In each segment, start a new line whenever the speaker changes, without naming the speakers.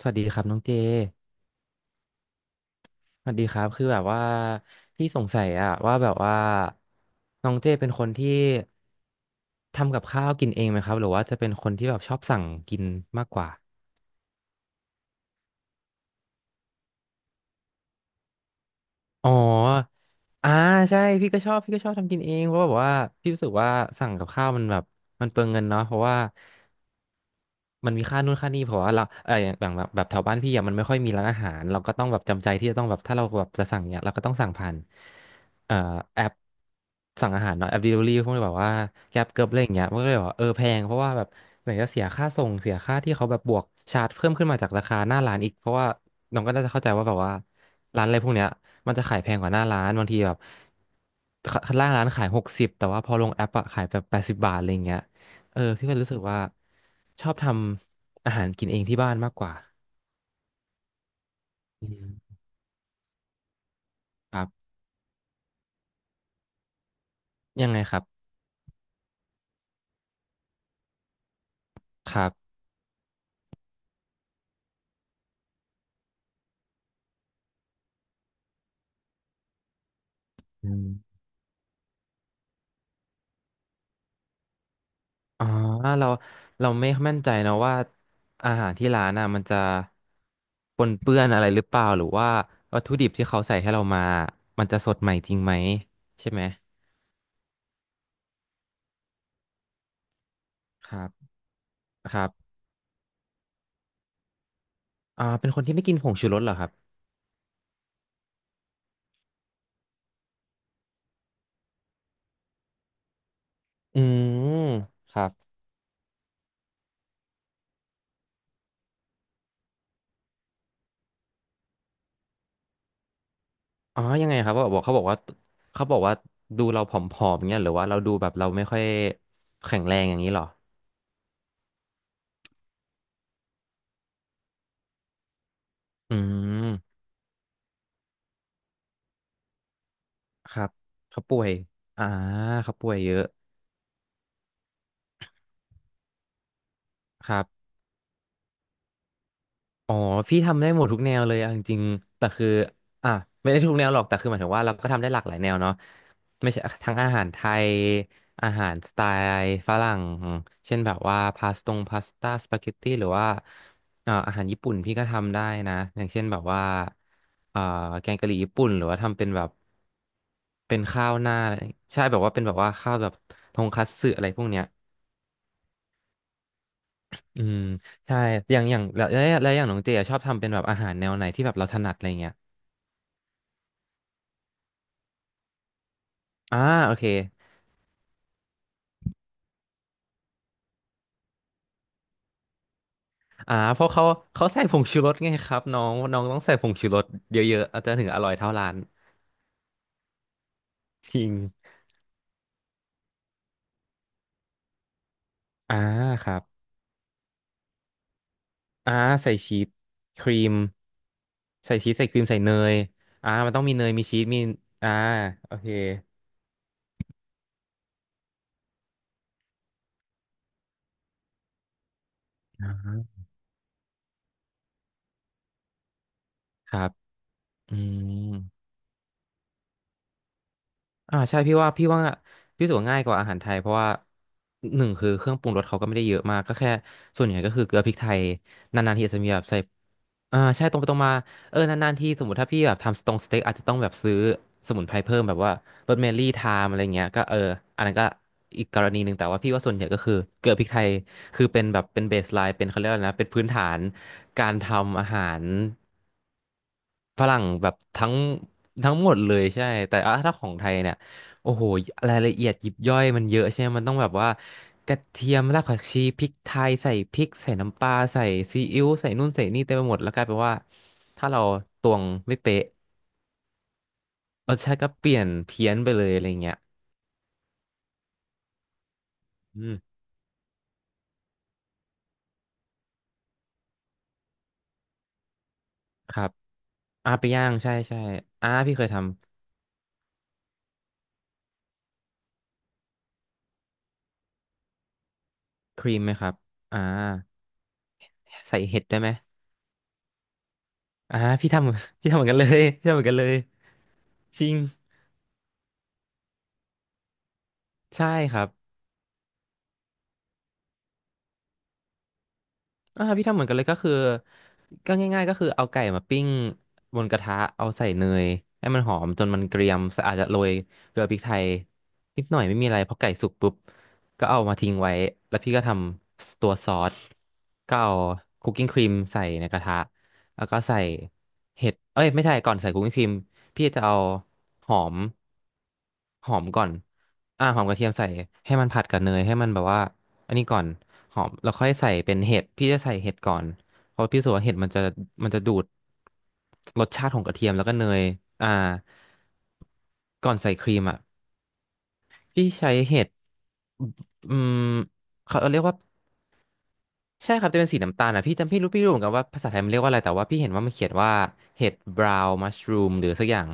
สวัสดีครับน้องเจสวัสดีครับคือแบบว่าพี่สงสัยอะว่าแบบว่าน้องเจเป็นคนที่ทำกับข้าวกินเองไหมครับหรือว่าจะเป็นคนที่แบบชอบสั่งกินมากกว่าอ๋ออ่าใช่พี่ก็ชอบทำกินเองเพราะแบบว่าพี่รู้สึกว่าสั่งกับข้าวมันแบบมันเปลืองเงินเนาะเพราะว่า มันมีค่านู่นค่านี่เพราะว่าเราอย่างแบบแถวบ้านพี่อะมันไม่ค่อยมีร้านอาหารเราก็ต้องแบบจำใจที่จะต้องแบบถ้าเราแบบจะสั่งเนี่ยเราก็ต้องสั่งผ่านเอ่อแอปสั่งอาหารเนาะแอป delivery พวกนี้แบบว่า Grab เกิร์บอะไรอย่างเงี้ยมันก็เลยบอกว่าเออแพงเพราะว่าแบบไหนจะเสียค่าส่งเสียค่าที่เขาแบบบวกชาร์จเพิ่มขึ้นมาจากราคาหน้าร้านอีกเพราะว่าน้องก็น่าจะเข้าใจว่าแบบว่าร้านอะไรพวกเนี้ยมันจะขายแพงกว่าหน้าร้านบางทีแบบข้างล่างร้านขาย60แต่ว่าพอลงแอปอะขายแบบ80 บาทอะไรอย่างเงี้ย เออพี่ก็รู้สึกว่าชอบทำอาหารกินเองที่บ้านมากกว่าอืมครับยังไงครับครับอืมอ๋อเราเราไม่มั่นใจนะว่าอาหารที่ร้านน่ะมันจะปนเปื้อนอะไรหรือเปล่าหรือว่าวัตถุดิบที่เขาใส่ให้เรามามันจะสดใหม่จริงไหมใช่ไหมครับครับอ่าเป็นคนที่ไม่กินผงชูรสเหรอครับอืมครับ อ๋อ ยังไงครับบอกบอกเขาบอกว่าดูเราผอมๆอย่างเงี้ยหรือว่าเราดูแบบเราไม่ค่อยแข็งแรงอย่างนี้เหรอ อืม ครับเขาป่วยอ่าเขาป่วยเยอะ ครับ อ๋อพี่ทำได้หมดทุกแนวเลยเอาจริงๆแต่คืออ่ะไม่ได้ทุกแนวหรอกแต่คือหมายถึงว่าเราก็ทำได้หลากหลายแนวเนาะไม่ใช่ทั้งอาหารไทยอาหารสไตล์ฝรั่งเช่นแบบว่าพาสต้าสปาเกตตี้หรือว่าอาหารญี่ปุ่นพี่ก็ทำได้นะอย่างเช่นแบบว่าเอ่อแกงกะหรี่ญี่ปุ่นหรือว่าทำเป็นแบบเป็นข้าวหน้าใช่แบบว่าเป็นแบบว่าข้าวแบบทงคัตสึอะไรพวกเนี้ย อืมใช่อย่างอย่างแล้วแล้วอย่างน้องเจอะชอบทำเป็นแบบอาหารแนวไหนที่แบบเราถนัดอะไรเงี้ยอ่าโอเคอ่าเพราะเขาใส่ผงชูรสไงครับน้องน้องต้องใส่ผงชูรสเยอะๆอาจจะถึงอร่อยเท่าร้านจริงอ่าครับอ่าใส่ชีสครีมใส่ชีสใส่ครีมใส่เนยอ่ามันต้องมีเนยมีชีสมีอ่าโอเคอ่าครับอืม อ่าใช่พี่รู้สึกว่าง่ายกว่าอาหารไทยเพราะว่าหนึ่งคือเครื่องปรุงรสเขาก็ไม่ได้เยอะมากก็แค่ส่วนใหญ่ก็คือเกลือพริกไทยนานๆทีอาจจะมีแบบใส่อ่าใช่ตรงไปตรงมาเออนานๆทีสมมติถ้าพี่แบบทำสตงสเต็กอาจจะต้องแบบซื้อสมุนไพรเพิ่มแบบว่าโรสแมรี่ไทม์อะไรเงี้ยก็เอออันนั้นก็อีกกรณีหนึ่งแต่ว่าพี่ว่าส่วนใหญ่ก็คือเกลือพริกไทยคือเป็นแบบเป็นเบสไลน์เป็นเขาเรียกอะไรนะเป็นพื้นฐานการทำอาหาร ฝรั่งแบบทั้งหมดเลยใช่แต่อ่ะถ้าของไทยเนี่ยโอ้โหรายละเอียดยิบย่อยมันเยอะใช่ไหมมันต้องแบบว่ากระเทียมรากผักชีพริกไทยใส่พริกใส่น้ำปลาใส่ซีอิ๊วใส่นู่นใส่นี่เต็มไปหมดแล้วกลายเป็นว่าถ้าเราตวงไม่เป๊ะรสชาติก็เปลี่ยนเพี้ยนไปเลยอะไรเงี้ยอืมครับอ่าไปย่างใช่ใช่อ่าพี่เคยทำครีมไหมครับอ่าใส่เห็ดได้ไหมอ่าพี่ทำ พี่ทำเหมือนกันเลย พี่ทำเหมือนกันเลยจริงใช่ครับ อ่าพี่ทำเหมือนกันเลยก็คือก็ง่ายๆก็คือเอาไก่มาปิ้งบนกระทะเอาใส่เนยให้มันหอมจนมันเกรียมสะอาจจะโรยเกลือพริกไทยนิดหน่อยไม่มีอะไรพอไก่สุกปุ๊บก็เอามาทิ้งไว้แล้วพี่ก็ทำตัวซอสก็เอาคุกกิ้งครีมใส่ในกระทะ แล้วก็ใส่เห็ดเอ้ยไม่ใช่ก่อนใส่คุกกิ้งครีมพี่จะเอาหอมหอมก่อนหอมกระเทียมใส่ให้มันผัดกับเนยให้มันแบบว่าอันนี้ก่อนหอมแล้วค่อยใส่เป็นเห็ดพี่จะใส่เห็ดก่อนเพราะพี่รู้สึกว่าเห็ดมันจะดูดรสชาติของกระเทียมแล้วก็เนยอ่าก่อนใส่ครีมอ่ะพี่ใช้เห็ดอืมเขาเรียกว่า ใช่ครับจะเป็นสีน้ำตาลอ่ะพี่รู้เหมือนกันว่าภาษาไทยมันเรียกว่าอะไรแต่ว่าพี่เห็นว่ามันเขียนว่าเห็ดบราวน์มัชรูมหรือสักอย่าง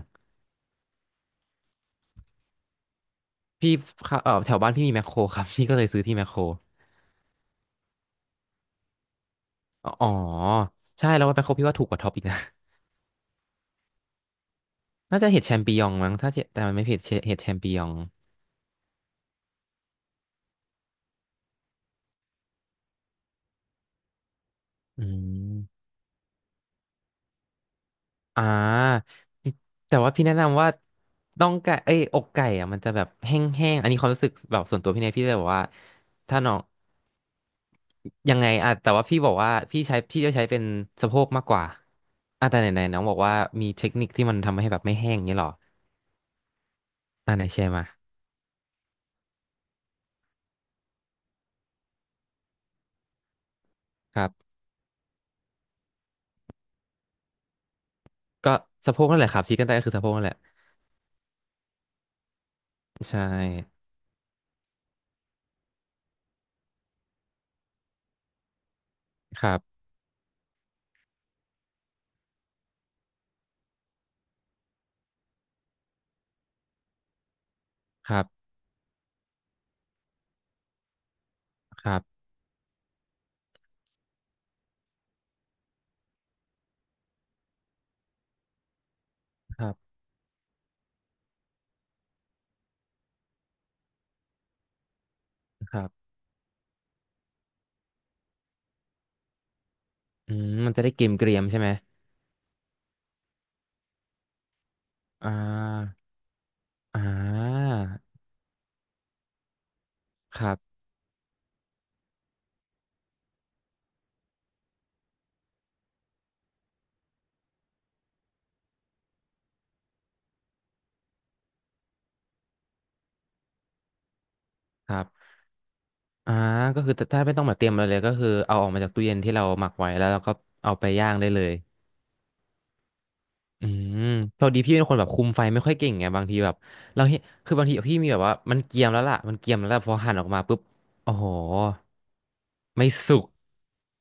พี่เข้าแถวบ้านพี่มีแมคโครครับ พี่ก็เลยซื้อที่แมคโครอ๋อใช่แล้วว่าแมคโครพี่ว่าถูกกว่าท็อปอีกนะ น่าจะเห็ดแชมปิญองมั้งถ้าเจแต่มันไม่ผิดเห็ดแชมปิญองอืมอ่าแต่ว่าพี่แนะนำว่าต้องไก่เอ้ยอกไก่อ่ะมันจะแบบแห้งๆอันนี้ความรู้สึกแบบส่วนตัวพี่เนี่ยพี่เลยบอกว่าถ้าน้อง ยังไงอ่ะแต่ว่าพี่บอกว่าพี่ใช้เป็นสะโพกมากกว่าอ่ะแต่ไหนๆน้องบอกว่ามีเทคนิคที่มันทำให้แบบไม่แห้งอย่างนี่หรออ่ะไหนแชร์มาครับก็สะโพกนั่นแหละครับชี้กันได้ก็คือสะโพกนั่นแหละใช่ครับครับครับครับครับอืมมันจะได้เกรมเกรียมๆใช่ไหมอ่าอ่าครับครับอ่าก็คือถ้าไม่ต้องมาเตรียมอะไรเลยก็คือเอาออกมาจากตู้เย็นที่เราหมักไว้แล้วเราก็เอาไปย่างได้เลย อืมพอดีพี่เป็นคนแบบคุมไฟไม่ค่อยเก่งไงบางทีแบบเราเห็นคือบางทีพี่มีแบบว่ามันเกรียมแล้วล่ะพอหั่นออกมาปุ๊บโอ้โหไม่สุก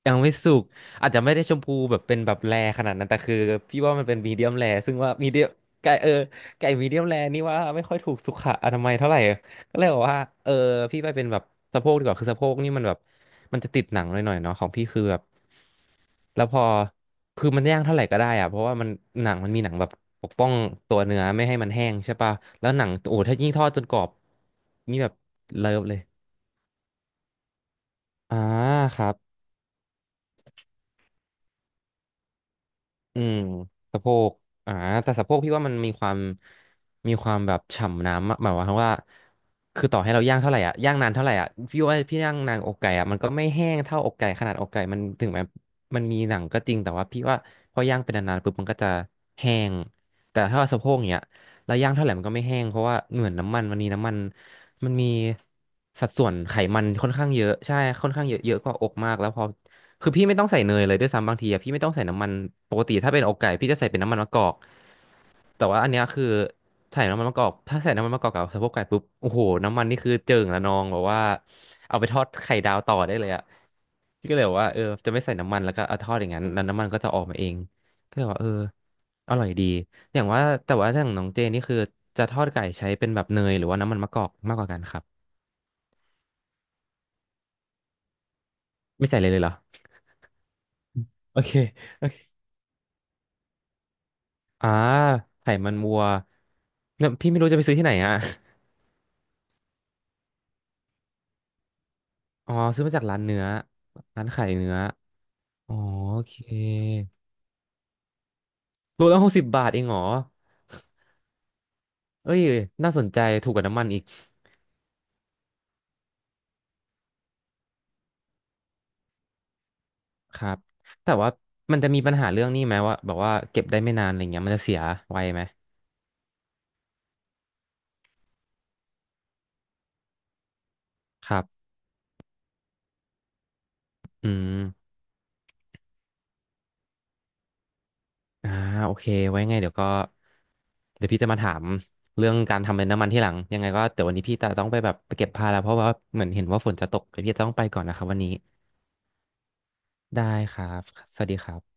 ยังไม่สุกอาจจะไม่ได้ชมพูแบบเป็นแบบแรขนาดนั้นแต่คือพี่ว่ามันเป็นมีเดียมแรซึ่งว่ามีเดียมไก่ไก่มีเดียมแรนี่ว่าไม่ค่อยถูกสุขอนามัยเท่าไหร่ ก็เลยบอกว่าเออพี่ไปเป็นแบบสะโพกดีกว่าคือสะโพกนี่มันแบบมันจะติดหนังหน่อยๆเนาะของพี่คือแบบแล้วพอคือมันย่างเท่าไหร่ก็ได้อะเพราะว่ามันมีหนังแบบปกป้องตัวเนื้อไม่ให้มันแห้งใช่ปะแล้วหนังโอ้ถ้ายิ่งทอดจนกรอบนี่แบบเลิฟเลยอ่าครับ อืมสะโพกอ่าแต่สะโพกพี่ว่ามันมีความแบบฉ่ำน้ำอะหมายความว่าคือต่อให้เราย่างเท่าไหร่อ่ะย่างนานเท่าไหร่อ่ะพี่ว่าพี่ย่างนานอกไก่อ่ะมันก็ไม่แห้งเท่าอกไก่ขนาดอกไก่มันถึงแม้มันมีหนังก็จริงแต่ว่าพี่ว่าพอย่างเป็นนานๆปุ๊บมันก็จะแห้งแต่ถ้าว่าสะโพกเนี้ยเราย่างเท่าไหร่มันก็ไม่แห้งเพราะว่าเหมือนน้ำมันมันมีน้ำมันมันมีสัดส่วนไขมันค่อนข้างเยอะใช่ค่อนข้างเยอะเยอะกว่าอกมากแล้วพอ คือพี่ไม่ต้องใส่เนยเลยด้วยซ้ำบางทีอะพี่ไม่ต้องใส่น้ำมันปกติถ้าเป็นอกไก่พี่จะใส่เป็นน้ำมันมะกอกแต่ว่าอันเนี้ยคือใส่น้ำมันมะกอกถ้าใส่น้ำมันมะกอกกับสะโพกไก่ปุ๊บโอ้โหน้ำมันนี่คือเจิ่งละนองแบบว่าเอาไปทอดไข่ดาวต่อได้เลยอะพี่ก็เลยบอกว่าจะไม่ใส่น้ำมันแล้วก็เอาทอดอย่างนั้นแล้วน้ำมันก็จะออกมาเองก็เลยว่าอร่อยดีอย่างว่าแต่ว่าอย่างน้องเจนี่คือจะทอดไก่ใช้เป็นแบบเนยหรือว่าน้ำมันมะกอกมากกว่ากันครับไม่ใส่เลยเลยเหรอโอเค อ่าไขมันวัวเนี่ยพี่ไม่รู้จะไปซื้อที่ไหนอ่ะ อ๋อซื้อมาจากร้านเนื้อร้านขายเนื้ออ๋อโอเคโลละ60บาทเองเหรอเอ้ยน่าสนใจถูกกว่าน้ำมันอีกครับแต่ว่ามันจะมีปัญหาเรื่องนี้ไหมว่าแบบว่าเก็บได้ไม่นานอะไรเงี้ยมันจะเสียไวไหมครับอืมอ่าโอเคไว้ไงเดี๋ยวก็เดี๋ยวพี่จะมาถามเรื่องการทำเป็นน้ำมันที่หลังยังไงก็เดี๋ยววันนี้พี่จะต้องไปแบบไปเก็บผ้าแล้วเพราะว่าเหมือนเห็นว่าฝนจะตกเดี๋ยวพี่จะต้องไปก่อนนะครับวันนี้ ได้ครับ สวัสดีครับ